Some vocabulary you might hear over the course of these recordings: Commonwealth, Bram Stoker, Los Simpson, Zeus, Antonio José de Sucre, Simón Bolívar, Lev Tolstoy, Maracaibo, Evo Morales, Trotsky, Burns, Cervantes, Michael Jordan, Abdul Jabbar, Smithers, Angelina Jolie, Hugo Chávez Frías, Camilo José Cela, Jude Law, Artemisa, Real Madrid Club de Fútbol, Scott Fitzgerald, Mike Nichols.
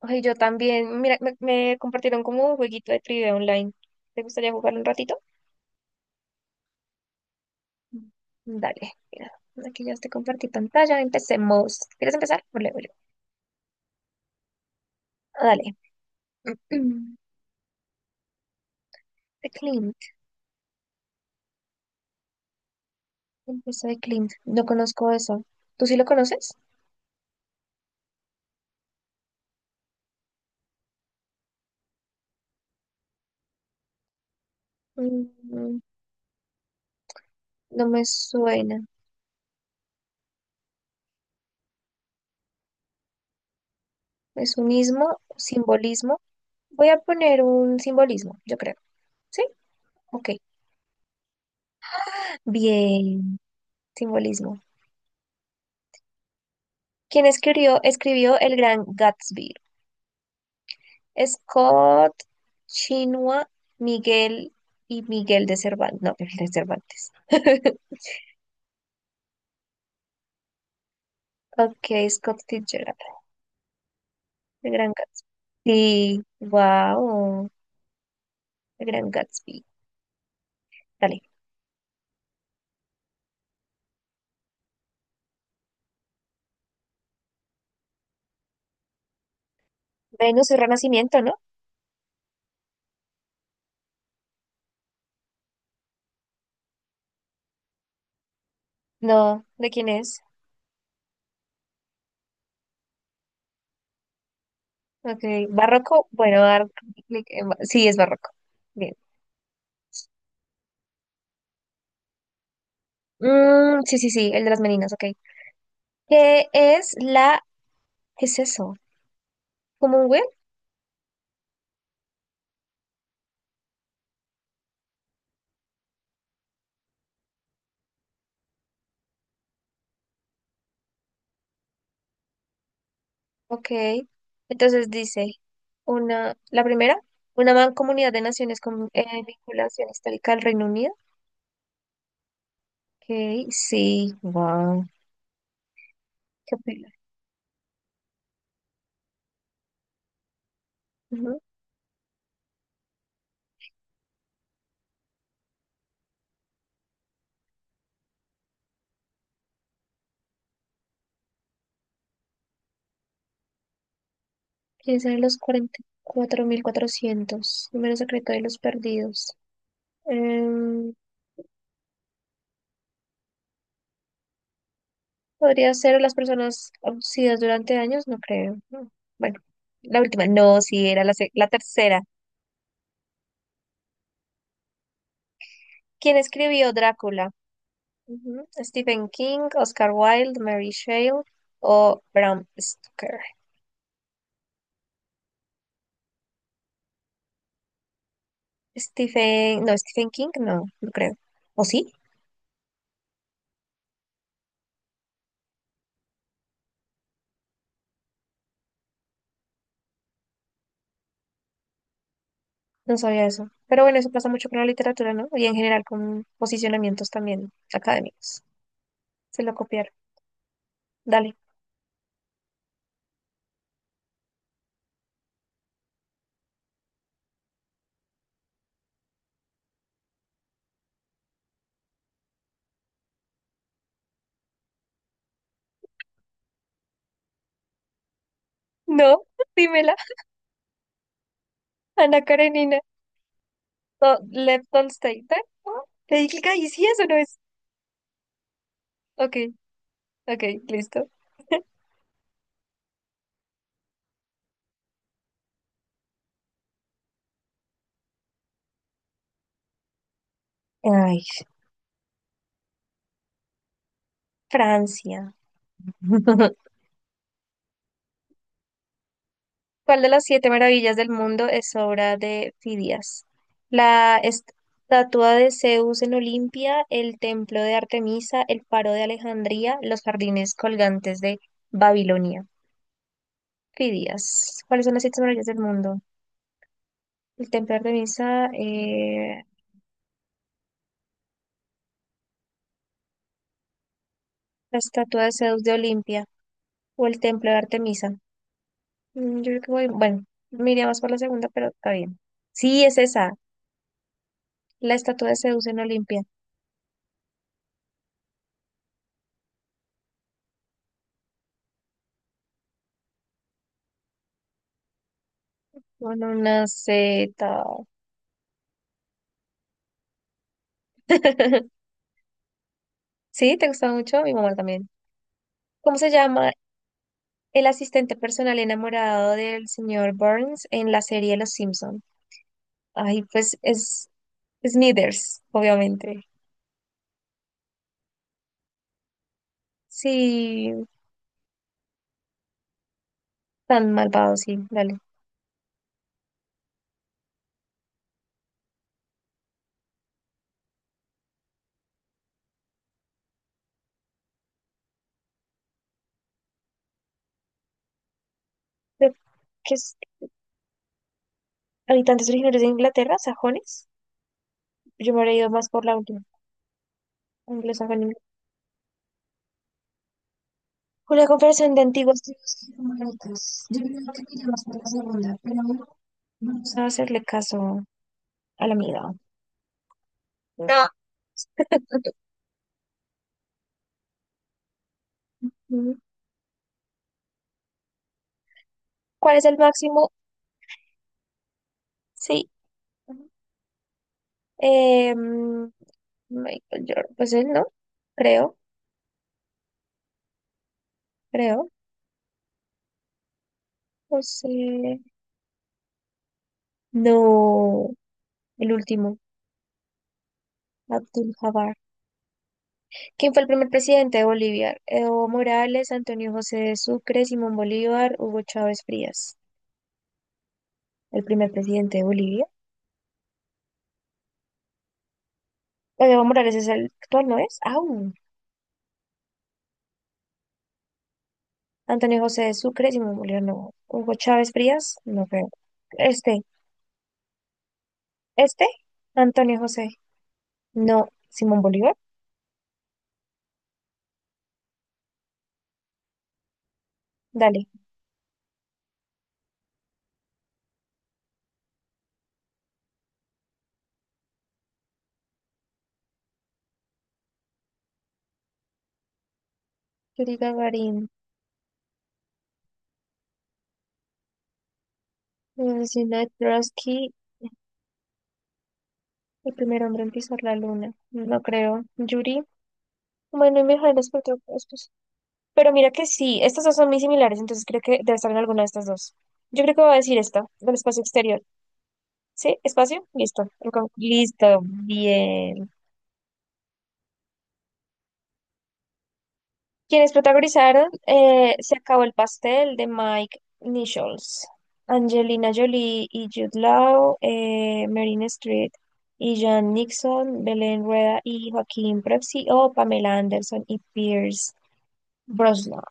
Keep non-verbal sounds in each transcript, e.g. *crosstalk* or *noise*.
Ay, yo también. Mira, me compartieron como un jueguito de trivia online. ¿Te gustaría jugar un ratito? Mm. Dale, mira. Aquí ya te compartí pantalla. Empecemos. ¿Quieres empezar? O leo yo. Ah, Dale. *clears throat* De Clint. Empieza de Clint. No conozco eso. ¿Tú sí lo conoces? Mm, no me suena. Es un ismo, simbolismo. Voy a poner un simbolismo, yo creo. ¿Sí? Ok. Bien. Simbolismo. ¿Quién escribió El Gran Gatsby? Scott, Chinua, Miguel y Miguel de Cervantes. No, Miguel de Cervantes. *laughs* Ok, Scott Fitzgerald, el gran Gatsby. Sí, wow, el gran Gatsby. Dale. Venus y Renacimiento, ¿no? No, ¿de quién es? Ok, barroco. Bueno, dar clic en sí, es barroco. Bien. Mm, sí, sí, sí, el de las meninas, ok. ¿Qué es la... ¿Qué es eso? ¿Commonwealth? Ok. Entonces dice, una, la primera, una mancomunidad de naciones con vinculación histórica al Reino Unido. Ok, sí, wow. Qué pela. Ujú. ¿Quiénes eran los 44.400? Número secreto de los perdidos. Em, ¿Podría ser las personas abducidas durante años? No creo. No. Bueno, la última. No, sí, era la tercera. ¿Quién escribió Drácula? Ujú. Stephen King, Oscar Wilde, Mary Shelley o Bram Stoker. Stephen, no, Stephen King, no, no creo. ¿O sí? No sabía eso. Pero bueno, eso pasa mucho con la literatura, ¿no? Y en general con posicionamientos también académicos. Se lo copiaron. Dale. No, *laughs* dímela. Ana Karenina. No, Lev Tolstoy. Dale, no. Le di clic ahí, sí, eso no es. Ok, ok, listo. *laughs* Ay, Francia. *laughs* ¿Cuál de las siete maravillas del mundo es obra de Fidias? La estatua de Zeus en Olimpia, el templo de Artemisa, el faro de Alejandría, los jardines colgantes de Babilonia. Fidias. ¿Cuáles son las siete maravillas del mundo? El templo de Artemisa, la estatua de Zeus de Olimpia o el templo de Artemisa. Yo creo que voy, bueno, me iría más por la segunda, pero está bien. Sí, es esa, la estatua de Zeus en Olimpia. Con una Z. *laughs* ¿Sí? ¿Te gustaba mucho? A mi mamá también. ¿Cómo se llama el asistente personal enamorado del señor Burns en la serie Los Simpson? Ay, pues es Smithers, obviamente. Sí, tan malvado, sí, dale. Creo que es habitantes originarios de Inglaterra, sajones. Yo me habría ido más por la última, anglosajón. Una conversación de antiguos tribus germánicas. Yo creo que me iría más por la segunda, pero bueno, vamos a hacerle caso a la amiga. No. Mm. ¿Cuál es el máximo? Sí. Eh, mm, Michael Jordan, pues él no, creo, creo. Pues no, el último, Abdul Jabbar. ¿Quién fue el primer presidente de Bolivia? Evo Morales, Antonio José de Sucre, Simón Bolívar, Hugo Chávez Frías. El primer presidente de Bolivia. Pues, Evo Morales es el actual, ¿no es? ¡Au! Antonio José de Sucre, Simón Bolívar, no. Hugo Chávez Frías, no creo. Este, este, Antonio José, no. Simón Bolívar, dale. Yuri Gagarin. Asesina de Trotsky, el primer hombre en pisar la luna. No creo. Yuri. Bueno, y mejor las propuestas. Pero mira que sí, estas dos son muy similares, entonces creo que debe estar en alguna de estas dos. Yo creo que voy a decir esta, del espacio exterior. ¿Sí? ¿Espacio? Listo. Listo, bien. Quienes protagonizaron Se acabó el pastel de Mike Nichols, Angelina Jolie y Jude Law, Meryl Streep y Jan Nixon, Belén Rueda y Joaquín Prepsi o Pamela Anderson y Pierce Brosnan.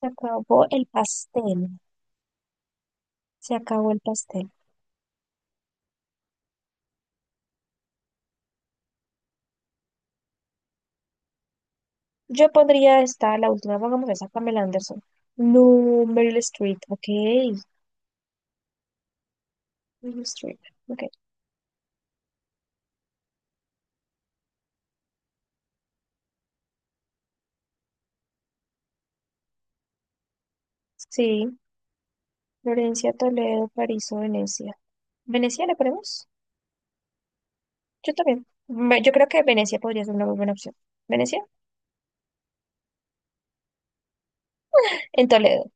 Se acabó el pastel. Se acabó el pastel. Yo pondría esta, la última, pongamos esa, Pamela Anderson. No, Meryl Streep, ok. Meryl Streep, ok. Sí, Florencia, Toledo, París o Venecia. ¿Venecia le ponemos? Yo también. Yo creo que Venecia podría ser una muy buena opción. ¿Venecia? En Toledo.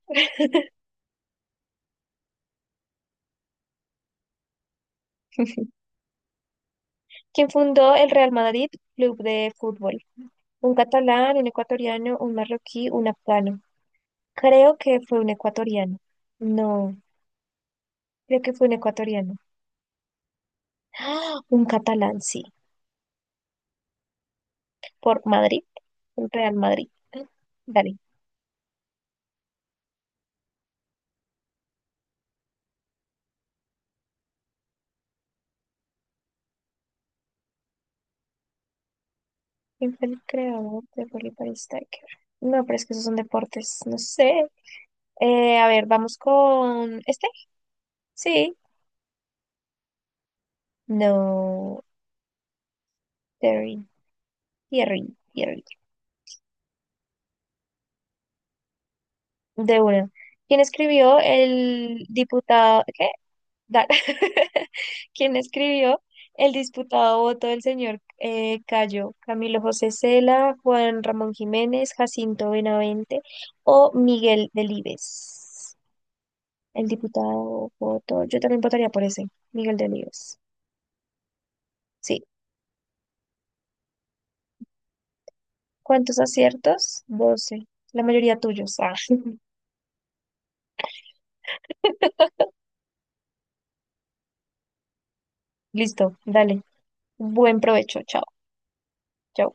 *laughs* ¿Quién fundó el Real Madrid Club de Fútbol? Un catalán, un ecuatoriano, un marroquí, un afgano. Creo que fue un ecuatoriano. No, creo que fue un ecuatoriano. *gasps* ¡Ah! Un catalán, sí. Por Madrid, el Real Madrid. *gasps* Dale. ¿Quién fue el creador de Rolly Paris Tiger? No, pero es que esos son deportes. No sé. A ver, vamos con este. Sí. No, Terry, Thierry, Thierry. De una. ¿Quién escribió el diputado, qué? Da- *laughs* ¿Quién escribió el disputado voto del señor Cayo? ¿Camilo José Cela, Juan Ramón Jiménez, Jacinto Benavente o Miguel Delibes? El diputado voto, yo también votaría por ese, Miguel Delibes. Sí. ¿Cuántos aciertos? 12. La mayoría tuyos. Ah, *laughs* listo, dale. Buen provecho. Chao. Chao.